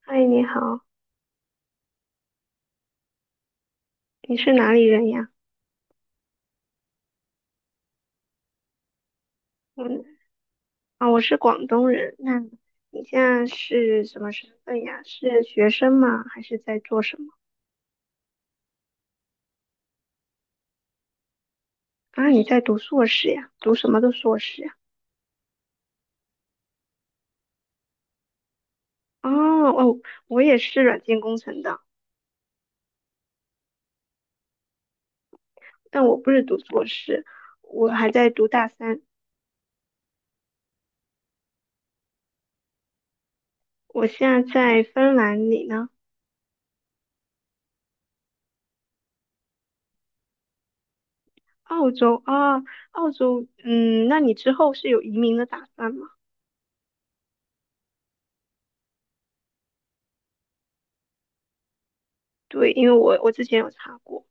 嗨，你好，你是哪里人呀？嗯啊，我是广东人。那你现在是什么身份呀？是学生吗？还是在做什么？啊，你在读硕士呀？读什么的硕士呀？哦哦，我也是软件工程的，但我不是读硕士，我还在读大三。我现在在芬兰，里呢？澳洲啊，澳洲，嗯，那你之后是有移民的打算吗？对，因为我之前有查过。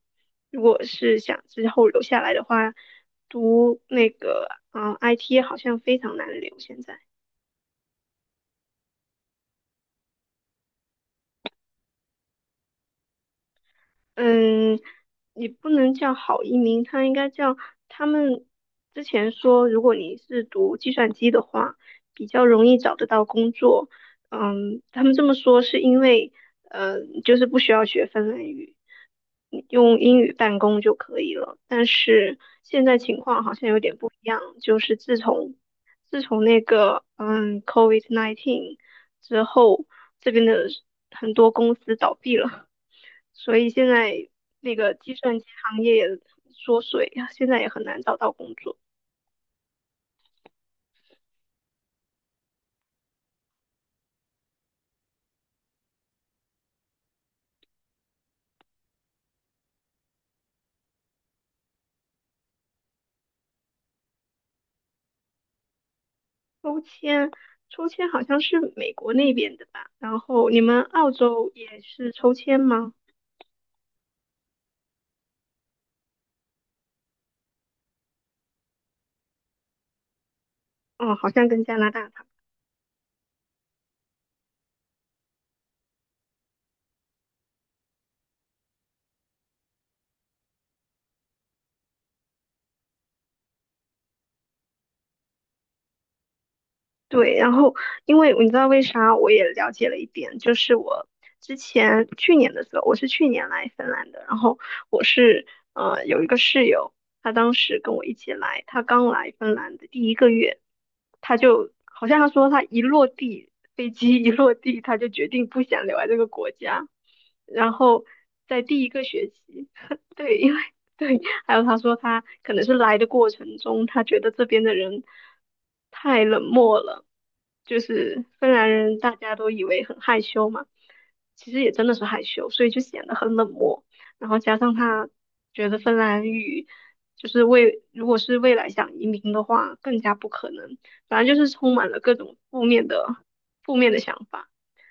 如果是想之后留下来的话，读那个IT 好像非常难留现在。嗯，你不能叫好移民，他应该叫他们之前说，如果你是读计算机的话，比较容易找得到工作。嗯，他们这么说是因为，呃，就是不需要学芬兰语，你用英语办公就可以了。但是现在情况好像有点不一样，就是自从那个COVID-19 之后，这边的很多公司倒闭了。所以现在那个计算机行业也缩水呀，现在也很难找到工作。抽签，抽签好像是美国那边的吧？然后你们澳洲也是抽签吗？哦，好像跟加拿大。对，然后因为你知道为啥我也了解了一点，就是我之前去年的时候，我是去年来芬兰的，然后我是有一个室友，他当时跟我一起来，他刚来芬兰的第一个月，他就好像他说他一落地，飞机一落地，他就决定不想留在这个国家，然后在第一个学期，对，因为对，还有他说他可能是来的过程中，他觉得这边的人太冷漠了，就是芬兰人大家都以为很害羞嘛，其实也真的是害羞，所以就显得很冷漠。然后加上他觉得芬兰语就是未，如果是未来想移民的话，更加不可能。反正就是充满了各种负面的想法，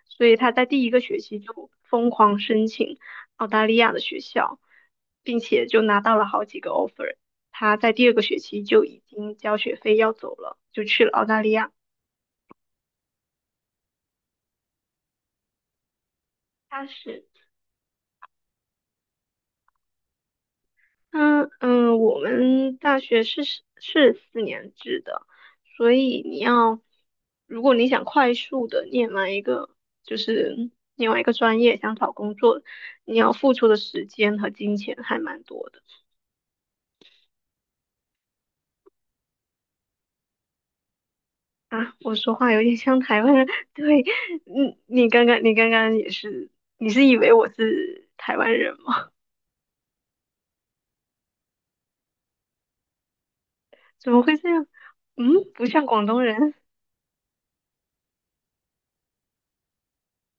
所以他在第一个学期就疯狂申请，澳大利亚的学校，并且就拿到了好几个 offer。他在第二个学期就已经交学费要走了，就去了澳大利亚。他是，嗯嗯，我们大学是4年制的，所以你要，如果你想快速的念完一个，就是另外一个专业，想找工作，你要付出的时间和金钱还蛮多的。啊，我说话有点像台湾人，对，嗯，你刚刚也是，你是以为我是台湾人吗？怎么会这样？嗯，不像广东人，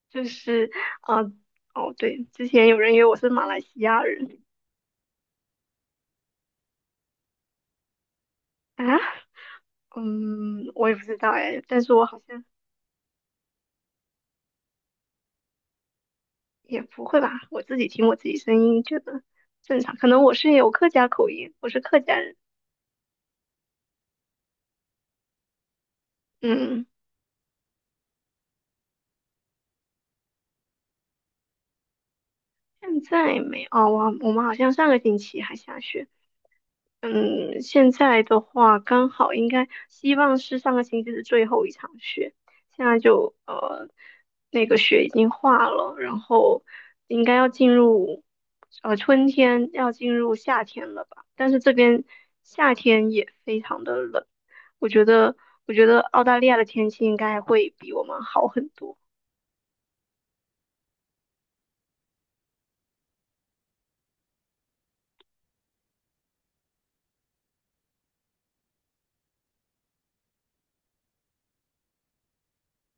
就是啊、呃哦，对，之前有人以为我是马来西亚人啊，嗯，我也不知道哎，但是我好像也不会吧，我自己听我自己声音觉得正常，可能我是有客家口音，我是客家人，嗯，现在没哦，我们好像上个星期还下雪。嗯，现在的话刚好应该希望是上个星期的最后一场雪，现在就那个雪已经化了，然后应该要进入春天，要进入夏天了吧？但是这边夏天也非常的冷，我觉得我觉得澳大利亚的天气应该会比我们好很多。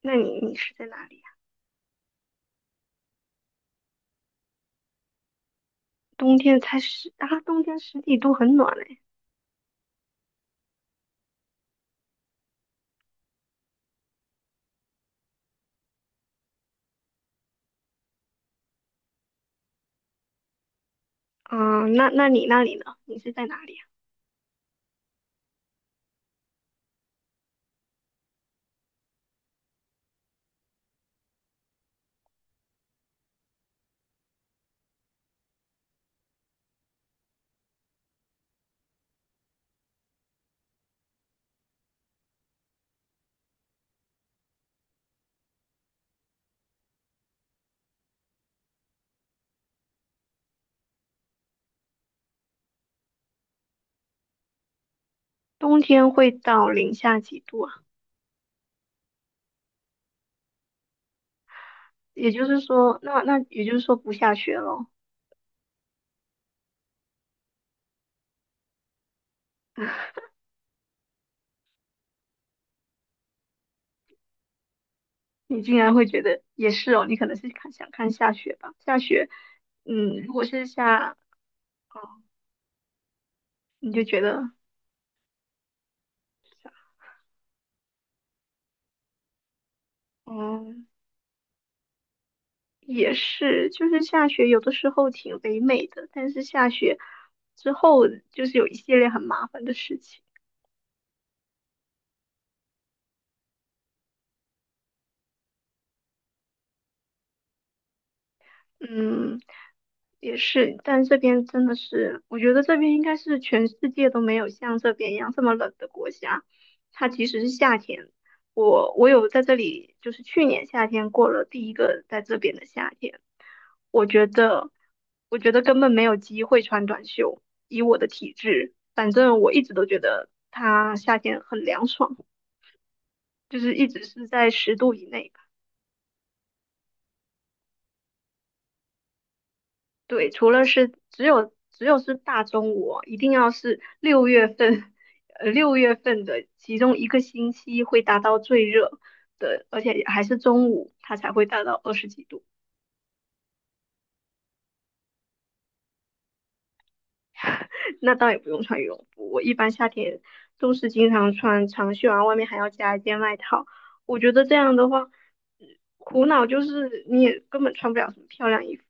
那你是在哪里呀？冬天才十啊，冬天十几度很暖嘞。嗯，那你那里呢？你是在哪里呀？冬天会到零下几度啊？也就是说，那也就是说不下雪咯。你竟然会觉得也是哦，你可能是想看下雪吧？下雪，嗯，如果是下，哦，你就觉得，嗯，也是，就是下雪有的时候挺唯美的，但是下雪之后就是有一系列很麻烦的事情。嗯，也是，但这边真的是，我觉得这边应该是全世界都没有像这边一样这么冷的国家。它即使是夏天，我有在这里，就是去年夏天过了第一个在这边的夏天，我觉得我觉得根本没有机会穿短袖，以我的体质，反正我一直都觉得它夏天很凉爽，就是一直是在十度以内。对，除了是只有是大中午哦一定要是六月份的其中一个星期会达到最热的，而且还是中午，它才会达到20几度。那倒也不用穿羽绒服，我一般夏天都是经常穿长袖啊，然后外面还要加一件外套。我觉得这样的话，呃苦恼就是你也根本穿不了什么漂亮衣服，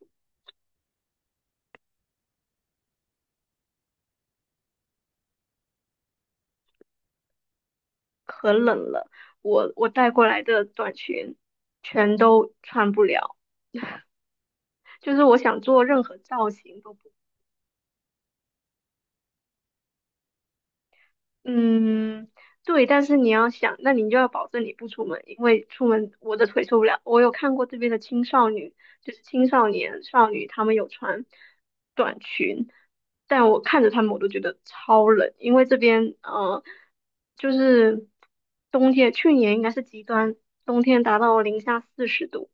可冷了。我带过来的短裙全都穿不了。就是我想做任何造型都不，嗯，对，但是你要想，那你就要保证你不出门，因为出门我的腿受不了。我有看过这边的青少女，就是青少年少女，他们有穿。但我看着他们我都觉得超冷，因为这边就是冬天，去年应该是极端，冬天达到零下四十度，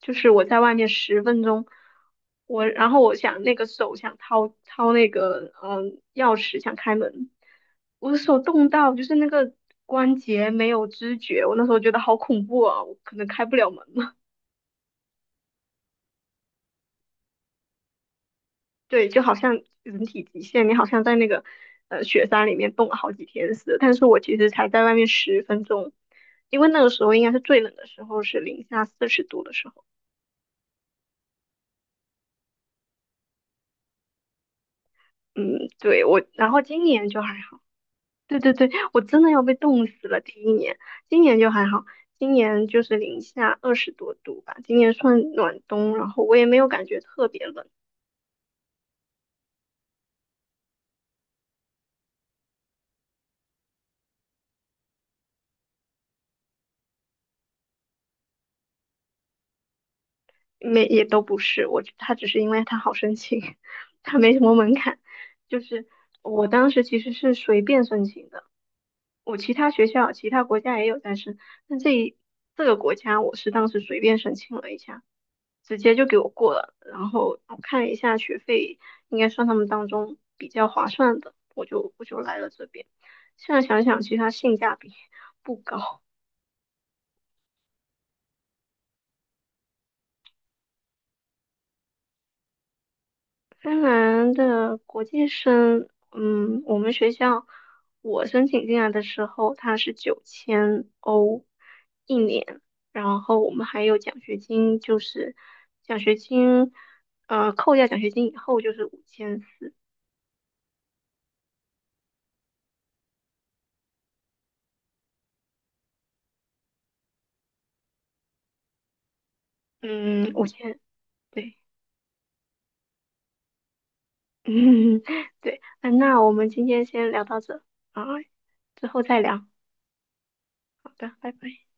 就是我在外面十分钟，然后我想那个手想掏掏那个钥匙想开门，我的手冻到就是那个关节没有知觉，我那时候觉得好恐怖啊，我可能开不了门了。对，就好像人体极限，你好像在那个雪山里面冻了好几天似的。但是我其实才在外面十分钟，因为那个时候应该是最冷的时候，是零下四十度的时候。嗯，对，我，然后今年就还好。对对对，我真的要被冻死了。第一年，今年就还好，今年就是零下20多度吧，今年算暖冬，然后我也没有感觉特别冷。没也都不是，他只是因为他好申请，他没什么门槛，就是我当时其实是随便申请的，我其他学校、其他国家也有在申，但这个国家我是当时随便申请了一下，直接就给我过了，然后我看了一下学费，应该算他们当中比较划算的，我就来了这边。现在想想，其实它性价比不高，芬兰的国际生，嗯，我们学校我申请进来的时候，它是9000欧一年，然后我们还有奖学金，就是奖学金，扣掉奖学金以后就是5400，嗯，五千，对，嗯，对，那我们今天先聊到这啊，之后再聊，好的，拜拜。